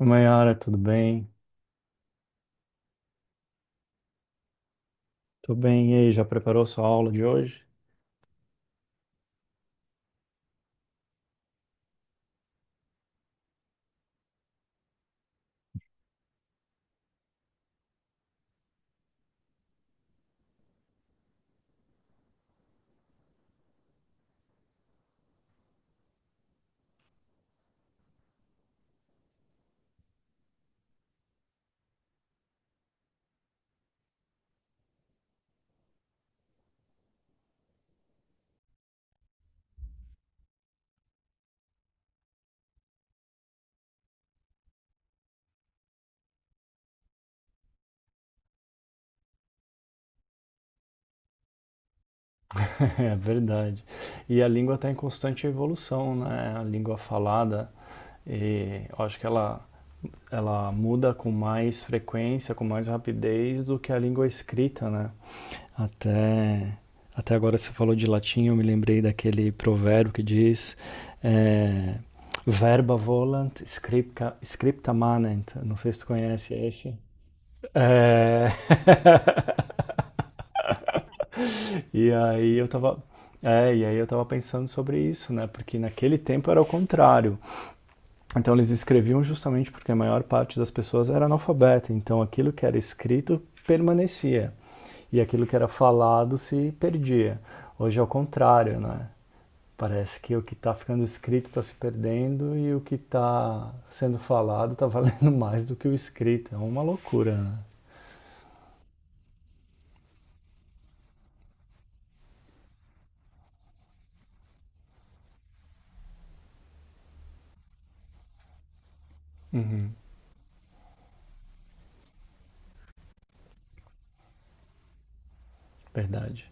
Maiara, tudo bem? Tudo bem. E aí, já preparou sua aula de hoje? É verdade. E a língua está em constante evolução, né? A língua falada, e eu acho que ela muda com mais frequência, com mais rapidez do que a língua escrita, né? Até, até agora você falou de latim, eu me lembrei daquele provérbio que diz é, verba volant, scripta, scripta manent. Não sei se tu conhece esse. É... E aí eu tava. É, e aí eu tava pensando sobre isso, né? Porque naquele tempo era o contrário. Então eles escreviam justamente porque a maior parte das pessoas era analfabeta. Então aquilo que era escrito permanecia. E aquilo que era falado se perdia. Hoje é o contrário, né? Parece que o que está ficando escrito está se perdendo e o que está sendo falado está valendo mais do que o escrito. É uma loucura, né? Uhum. Verdade.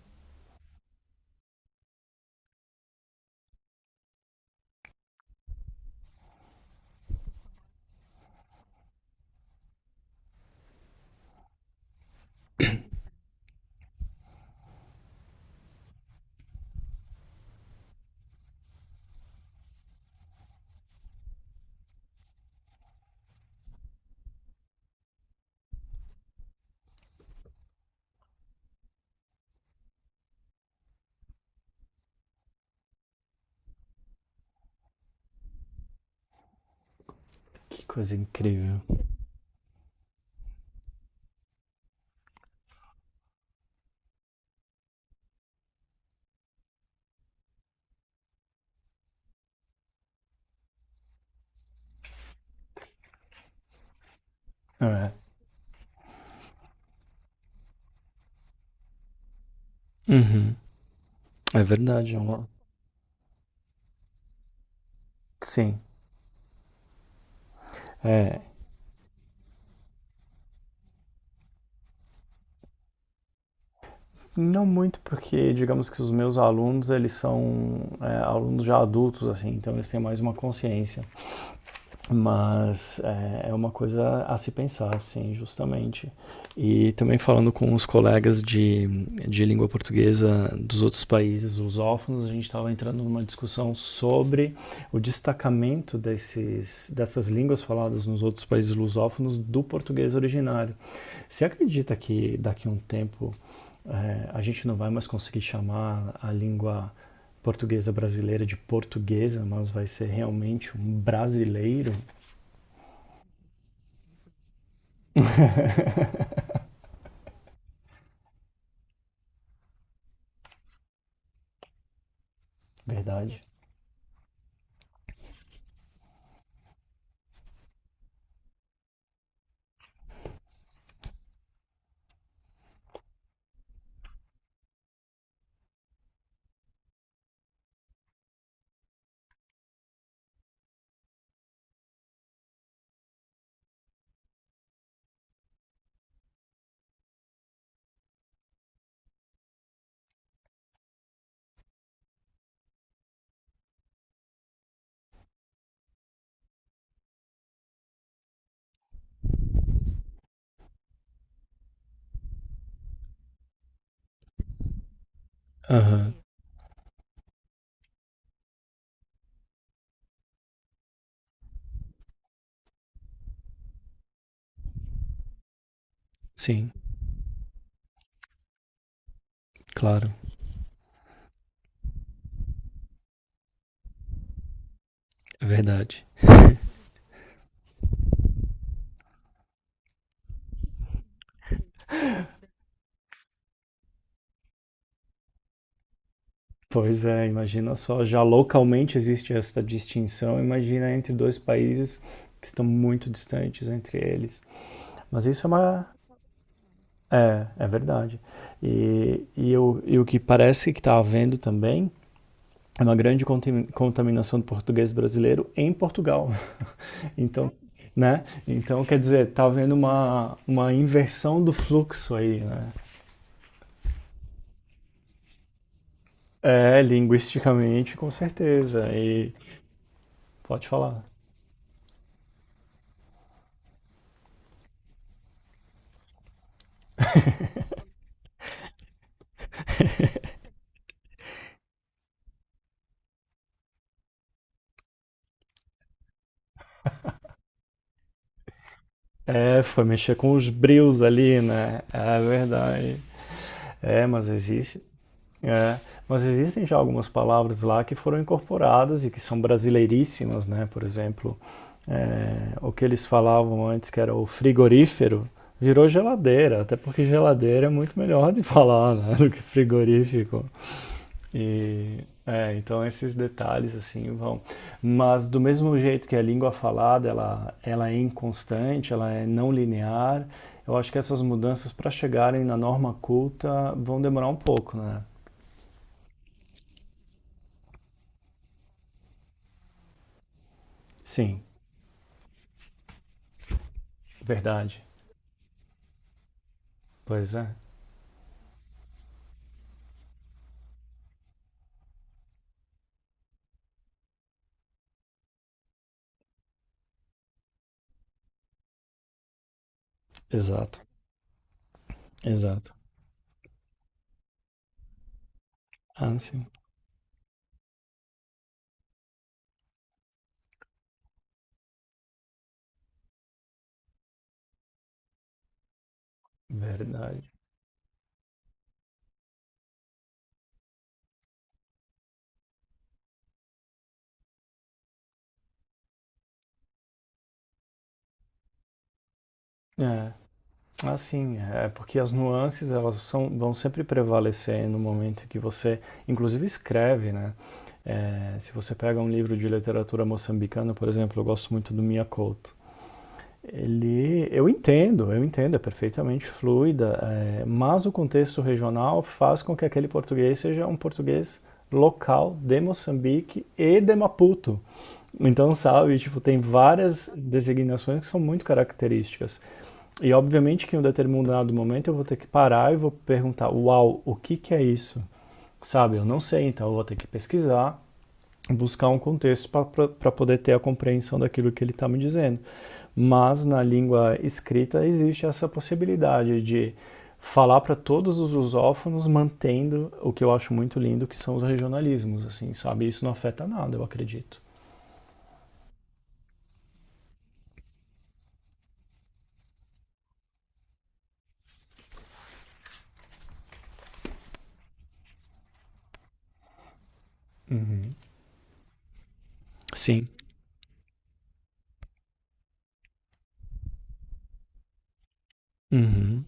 Que coisa incrível. É. Uhum. É verdade, é uma... Sim. É, não muito porque, digamos que os meus alunos, eles são alunos já adultos, assim, então eles têm mais uma consciência. Mas é, é uma coisa a se pensar, sim, justamente. E também falando com os colegas de língua portuguesa dos outros países lusófonos, a gente estava entrando numa discussão sobre o destacamento desses, dessas línguas faladas nos outros países lusófonos do português originário. Você acredita que daqui a um tempo a gente não vai mais conseguir chamar a língua portuguesa brasileira de portuguesa, mas vai ser realmente um brasileiro. Verdade. Aham, sim, claro, é verdade. Pois é, imagina só, já localmente existe essa distinção, imagina entre dois países que estão muito distantes entre eles. Mas isso é uma. É, é verdade. E o que parece que está havendo também é uma grande contaminação do português brasileiro em Portugal. Então, né? Então, quer dizer, está havendo uma inversão do fluxo aí, né? É, linguisticamente, com certeza. E pode falar. É, foi mexer com os brios ali, né? É verdade. É, mas existe. É, mas existem já algumas palavras lá que foram incorporadas e que são brasileiríssimas, né? Por exemplo, o que eles falavam antes que era o frigorífero virou geladeira, até porque geladeira é muito melhor de falar, né, do que frigorífico. E é, então esses detalhes assim vão. Mas do mesmo jeito que a língua falada, ela é inconstante, ela é não linear, eu acho que essas mudanças para chegarem na norma culta vão demorar um pouco, né? Sim, verdade. Pois é. Exato, exato. Ah, sim. Verdade. É, Ah, sim, é porque as nuances elas são, vão sempre prevalecer no momento que você, inclusive, escreve, né? É, se você pega um livro de literatura moçambicana, por exemplo, eu gosto muito do Mia Couto. Ele, eu entendo, é perfeitamente fluida, é, mas o contexto regional faz com que aquele português seja um português local de Moçambique e de Maputo. Então, sabe, tipo, tem várias designações que são muito características. E obviamente que em um determinado momento eu vou ter que parar e vou perguntar, uau, o que, que é isso? Sabe, eu não sei, então eu vou ter que pesquisar, buscar um contexto para poder ter a compreensão daquilo que ele está me dizendo. Mas na língua escrita existe essa possibilidade de falar para todos os lusófonos, mantendo o que eu acho muito lindo, que são os regionalismos, assim, sabe? Isso não afeta nada, eu acredito. Sim. Uhum.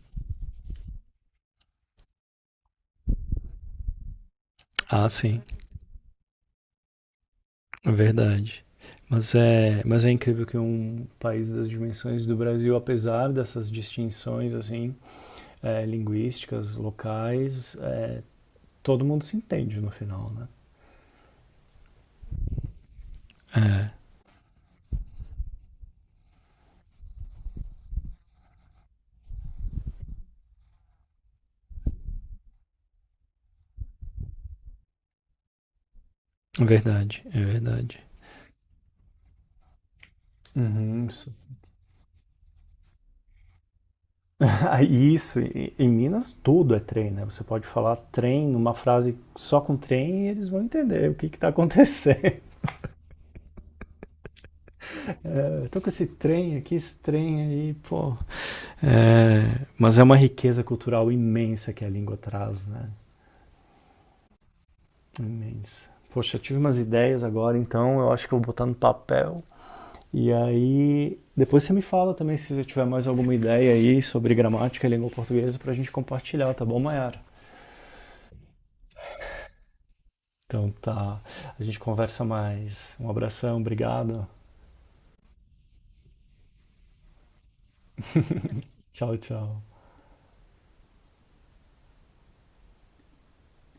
Ah, sim. É verdade. Mas é incrível que um país das dimensões do Brasil, apesar dessas distinções assim, linguísticas, locais, é, todo mundo se entende no final, né? É verdade, é verdade. Uhum, isso. Ah, isso, em Minas tudo é trem, né? Você pode falar trem, uma frase só com trem e eles vão entender o que que tá acontecendo. É, eu tô com esse trem aqui, esse trem aí, pô, é, mas é uma riqueza cultural imensa que a língua traz, né? Imensa. Poxa, eu tive umas ideias agora, então eu acho que eu vou botar no papel. E aí, depois você me fala também se você tiver mais alguma ideia aí sobre gramática e língua portuguesa pra gente compartilhar, tá bom, Mayara? Então tá, a gente conversa mais. Um abração, obrigado. Tchau, tchau.